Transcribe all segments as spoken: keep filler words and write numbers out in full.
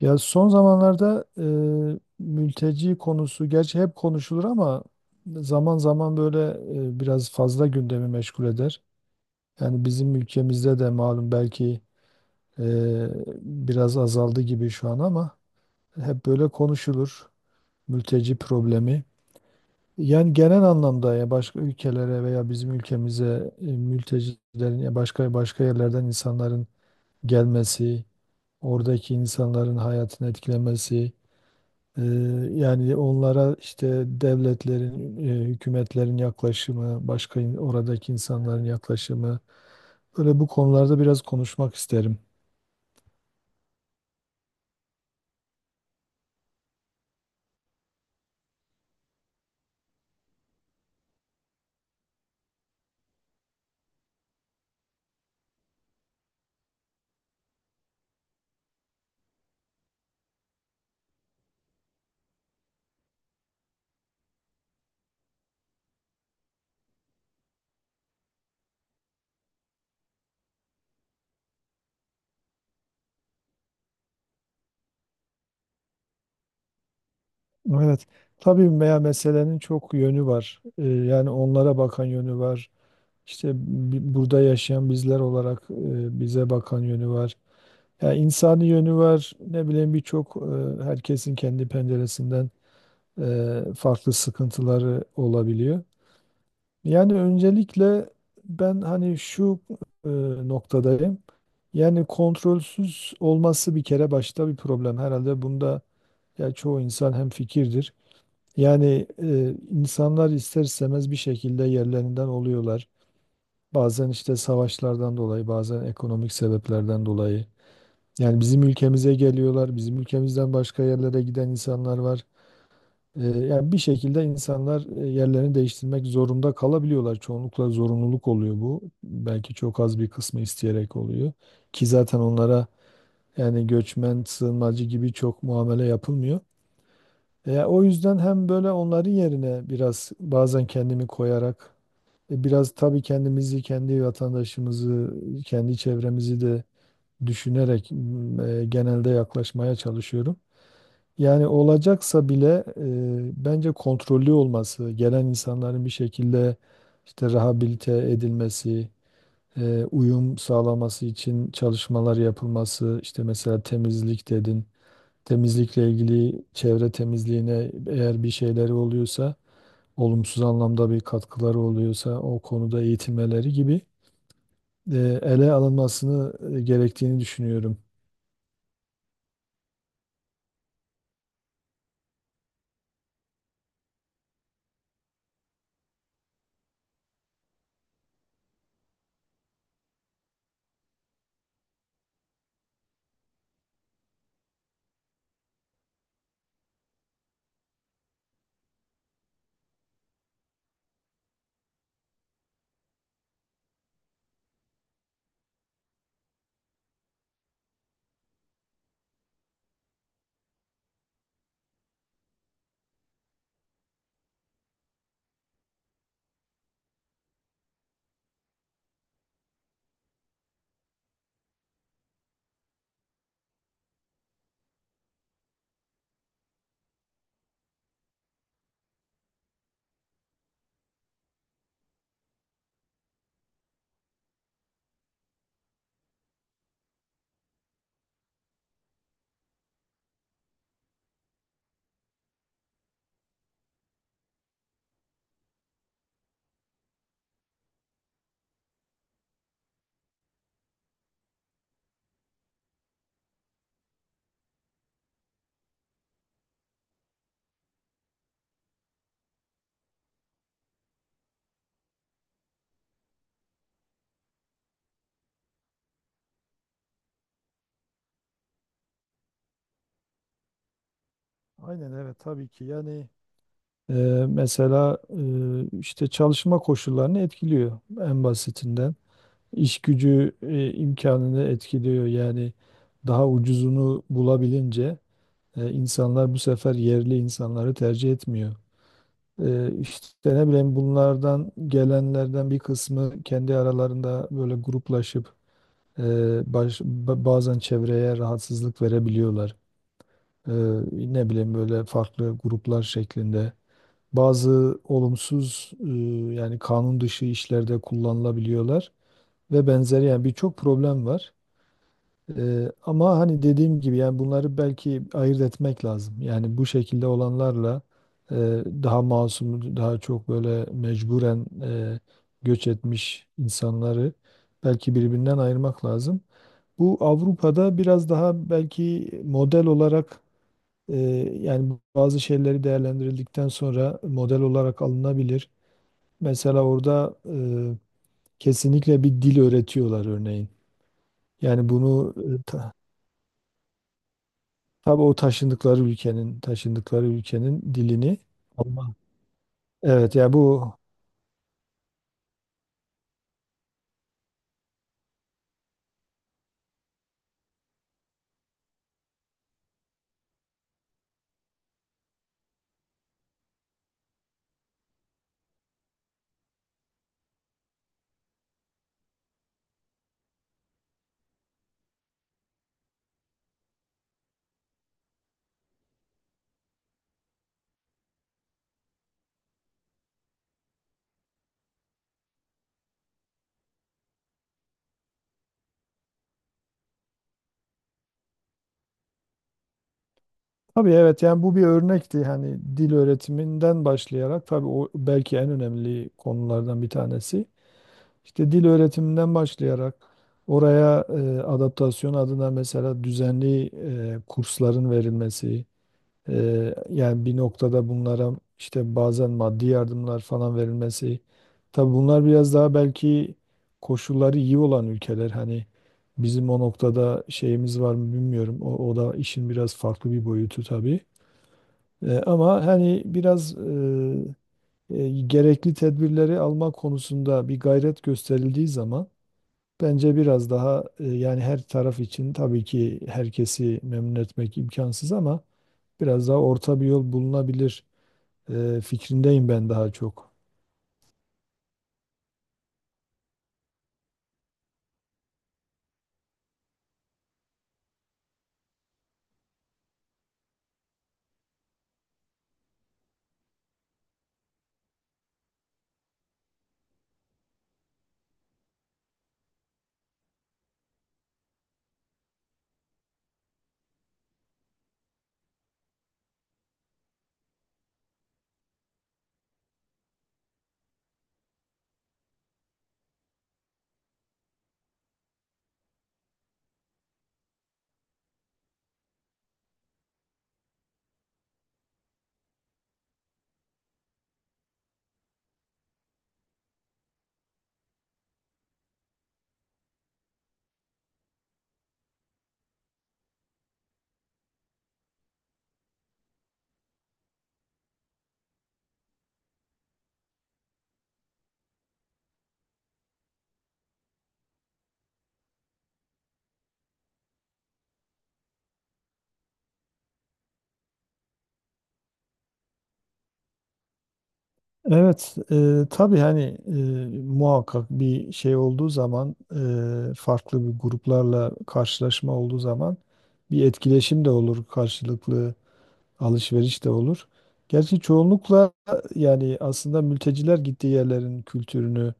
Ya son zamanlarda e, mülteci konusu gerçi hep konuşulur ama zaman zaman böyle e, biraz fazla gündemi meşgul eder. Yani bizim ülkemizde de malum belki e, biraz azaldı gibi şu an ama hep böyle konuşulur mülteci problemi. Yani genel anlamda ya başka ülkelere veya bizim ülkemize e, mültecilerin ya başka başka yerlerden insanların gelmesi, oradaki insanların hayatını etkilemesi. Ee, Yani onlara işte devletlerin, e, hükümetlerin yaklaşımı, başka in- oradaki insanların yaklaşımı, böyle bu konularda biraz konuşmak isterim. Evet, tabii veya meselenin çok yönü var. Ee, Yani onlara bakan yönü var. İşte bi- burada yaşayan bizler olarak e, bize bakan yönü var. Yani insani yönü var. Ne bileyim birçok e, herkesin kendi penceresinden. E, farklı sıkıntıları olabiliyor. Yani öncelikle ben hani şu e, noktadayım. Yani kontrolsüz olması bir kere başta bir problem. Herhalde bunda ya çoğu insan hem fikirdir. Yani e, insanlar ister istemez bir şekilde yerlerinden oluyorlar. Bazen işte savaşlardan dolayı, bazen ekonomik sebeplerden dolayı. Yani bizim ülkemize geliyorlar, bizim ülkemizden başka yerlere giden insanlar var. E, yani bir şekilde insanlar e, yerlerini değiştirmek zorunda kalabiliyorlar. Çoğunlukla zorunluluk oluyor bu. Belki çok az bir kısmı isteyerek oluyor. Ki zaten onlara yani göçmen, sığınmacı gibi çok muamele yapılmıyor. E, o yüzden hem böyle onların yerine biraz bazen kendimi koyarak e, biraz tabii kendimizi, kendi vatandaşımızı, kendi çevremizi de düşünerek m, e, genelde yaklaşmaya çalışıyorum. Yani olacaksa bile e, bence kontrollü olması, gelen insanların bir şekilde işte rehabilite edilmesi, e, uyum sağlaması için çalışmalar yapılması, işte mesela temizlik dedin, temizlikle ilgili çevre temizliğine eğer bir şeyleri oluyorsa, olumsuz anlamda bir katkıları oluyorsa o konuda eğitimleri gibi e, ele alınmasını e, gerektiğini düşünüyorum. Aynen evet tabii ki yani. Ee, Mesela e, işte çalışma koşullarını etkiliyor en basitinden. İş gücü e, imkanını etkiliyor. Yani daha ucuzunu bulabilince e, insanlar bu sefer yerli insanları tercih etmiyor. Ee, işte ne bileyim bunlardan gelenlerden bir kısmı kendi aralarında böyle gruplaşıp e, baş- ba- bazen çevreye rahatsızlık verebiliyorlar. Ee, Ne bileyim böyle farklı gruplar şeklinde bazı olumsuz e, yani kanun dışı işlerde kullanılabiliyorlar ve benzeri yani birçok problem var. E, ama hani dediğim gibi yani bunları belki ayırt etmek lazım. Yani bu şekilde olanlarla e, daha masum, daha çok böyle mecburen e, göç etmiş insanları belki birbirinden ayırmak lazım. Bu Avrupa'da biraz daha belki model olarak e, yani bazı şeyleri değerlendirildikten sonra model olarak alınabilir. Mesela orada e, kesinlikle bir dil öğretiyorlar örneğin. Yani bunu e, ta- tabii o taşındıkları ülkenin taşındıkları ülkenin dilini. Alman. Evet ya bu tabii evet yani bu bir örnekti. Hani dil öğretiminden başlayarak tabii o belki en önemli konulardan bir tanesi. İşte dil öğretiminden başlayarak oraya e, adaptasyon adına mesela düzenli e, kursların verilmesi. Eee, yani bir noktada bunlara işte bazen maddi yardımlar falan verilmesi. Tabii bunlar biraz daha belki koşulları iyi olan ülkeler. Hani bizim o noktada şeyimiz var mı bilmiyorum. O, o da işin biraz farklı bir boyutu tabii. Eee, ama hani biraz eee, e, gerekli tedbirleri alma konusunda bir gayret gösterildiği zaman bence biraz daha e, yani her taraf için tabii ki herkesi memnun etmek imkansız ama biraz daha orta bir yol bulunabilir e, fikrindeyim ben daha çok. Evet, e, tabii hani e, muhakkak bir şey olduğu zaman, e, farklı bir gruplarla karşılaşma olduğu zaman bir etkileşim de olur, karşılıklı alışveriş de olur. Gerçi çoğunlukla yani aslında mülteciler gittiği yerlerin kültürünü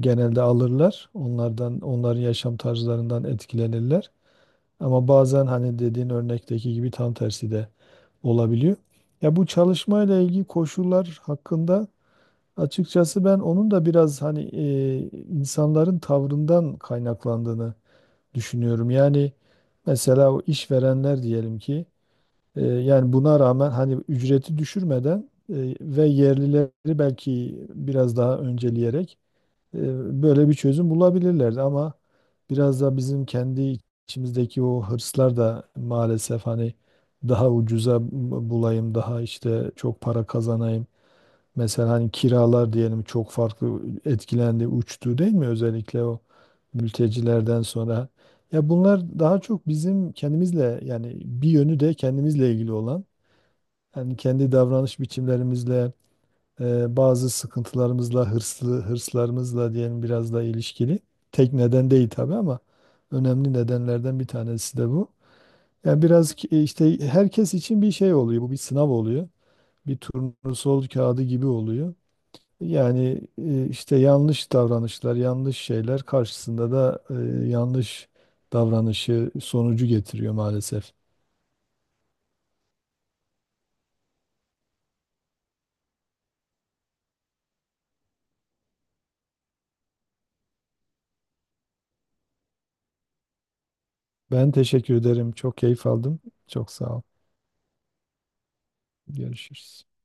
genelde alırlar. Onlardan, onların yaşam tarzlarından etkilenirler. Ama bazen hani dediğin örnekteki gibi tam tersi de olabiliyor. Ya bu çalışmayla ilgili koşullar hakkında açıkçası ben onun da biraz hani e, insanların tavrından kaynaklandığını düşünüyorum. Yani mesela o işverenler diyelim ki e, yani buna rağmen hani ücreti düşürmeden e, ve yerlileri belki biraz daha önceleyerek e, böyle bir çözüm bulabilirlerdi ama biraz da bizim kendi içimizdeki o hırslar da maalesef hani daha ucuza bu- bulayım, daha işte çok para kazanayım. Mesela hani kiralar diyelim çok farklı etkilendi, uçtu değil mi? Özellikle o mültecilerden sonra. Ya bunlar daha çok bizim kendimizle yani bir yönü de kendimizle ilgili olan. Yani kendi davranış biçimlerimizle e, bazı sıkıntılarımızla, hırslı, hırslarımızla diyelim biraz da ilişkili. Tek neden değil tabii ama önemli nedenlerden bir tanesi de bu. Yani biraz ki- e, işte herkes için bir şey oluyor. Bu bir sınav oluyor. Bir turnusol kağıdı gibi oluyor. Yani e, işte yanlış davranışlar, yanlış şeyler karşısında da e, yanlış davranışı sonucu getiriyor maalesef. Ben teşekkür ederim. Çok keyif aldım. Çok sağ ol. Görüşürüz.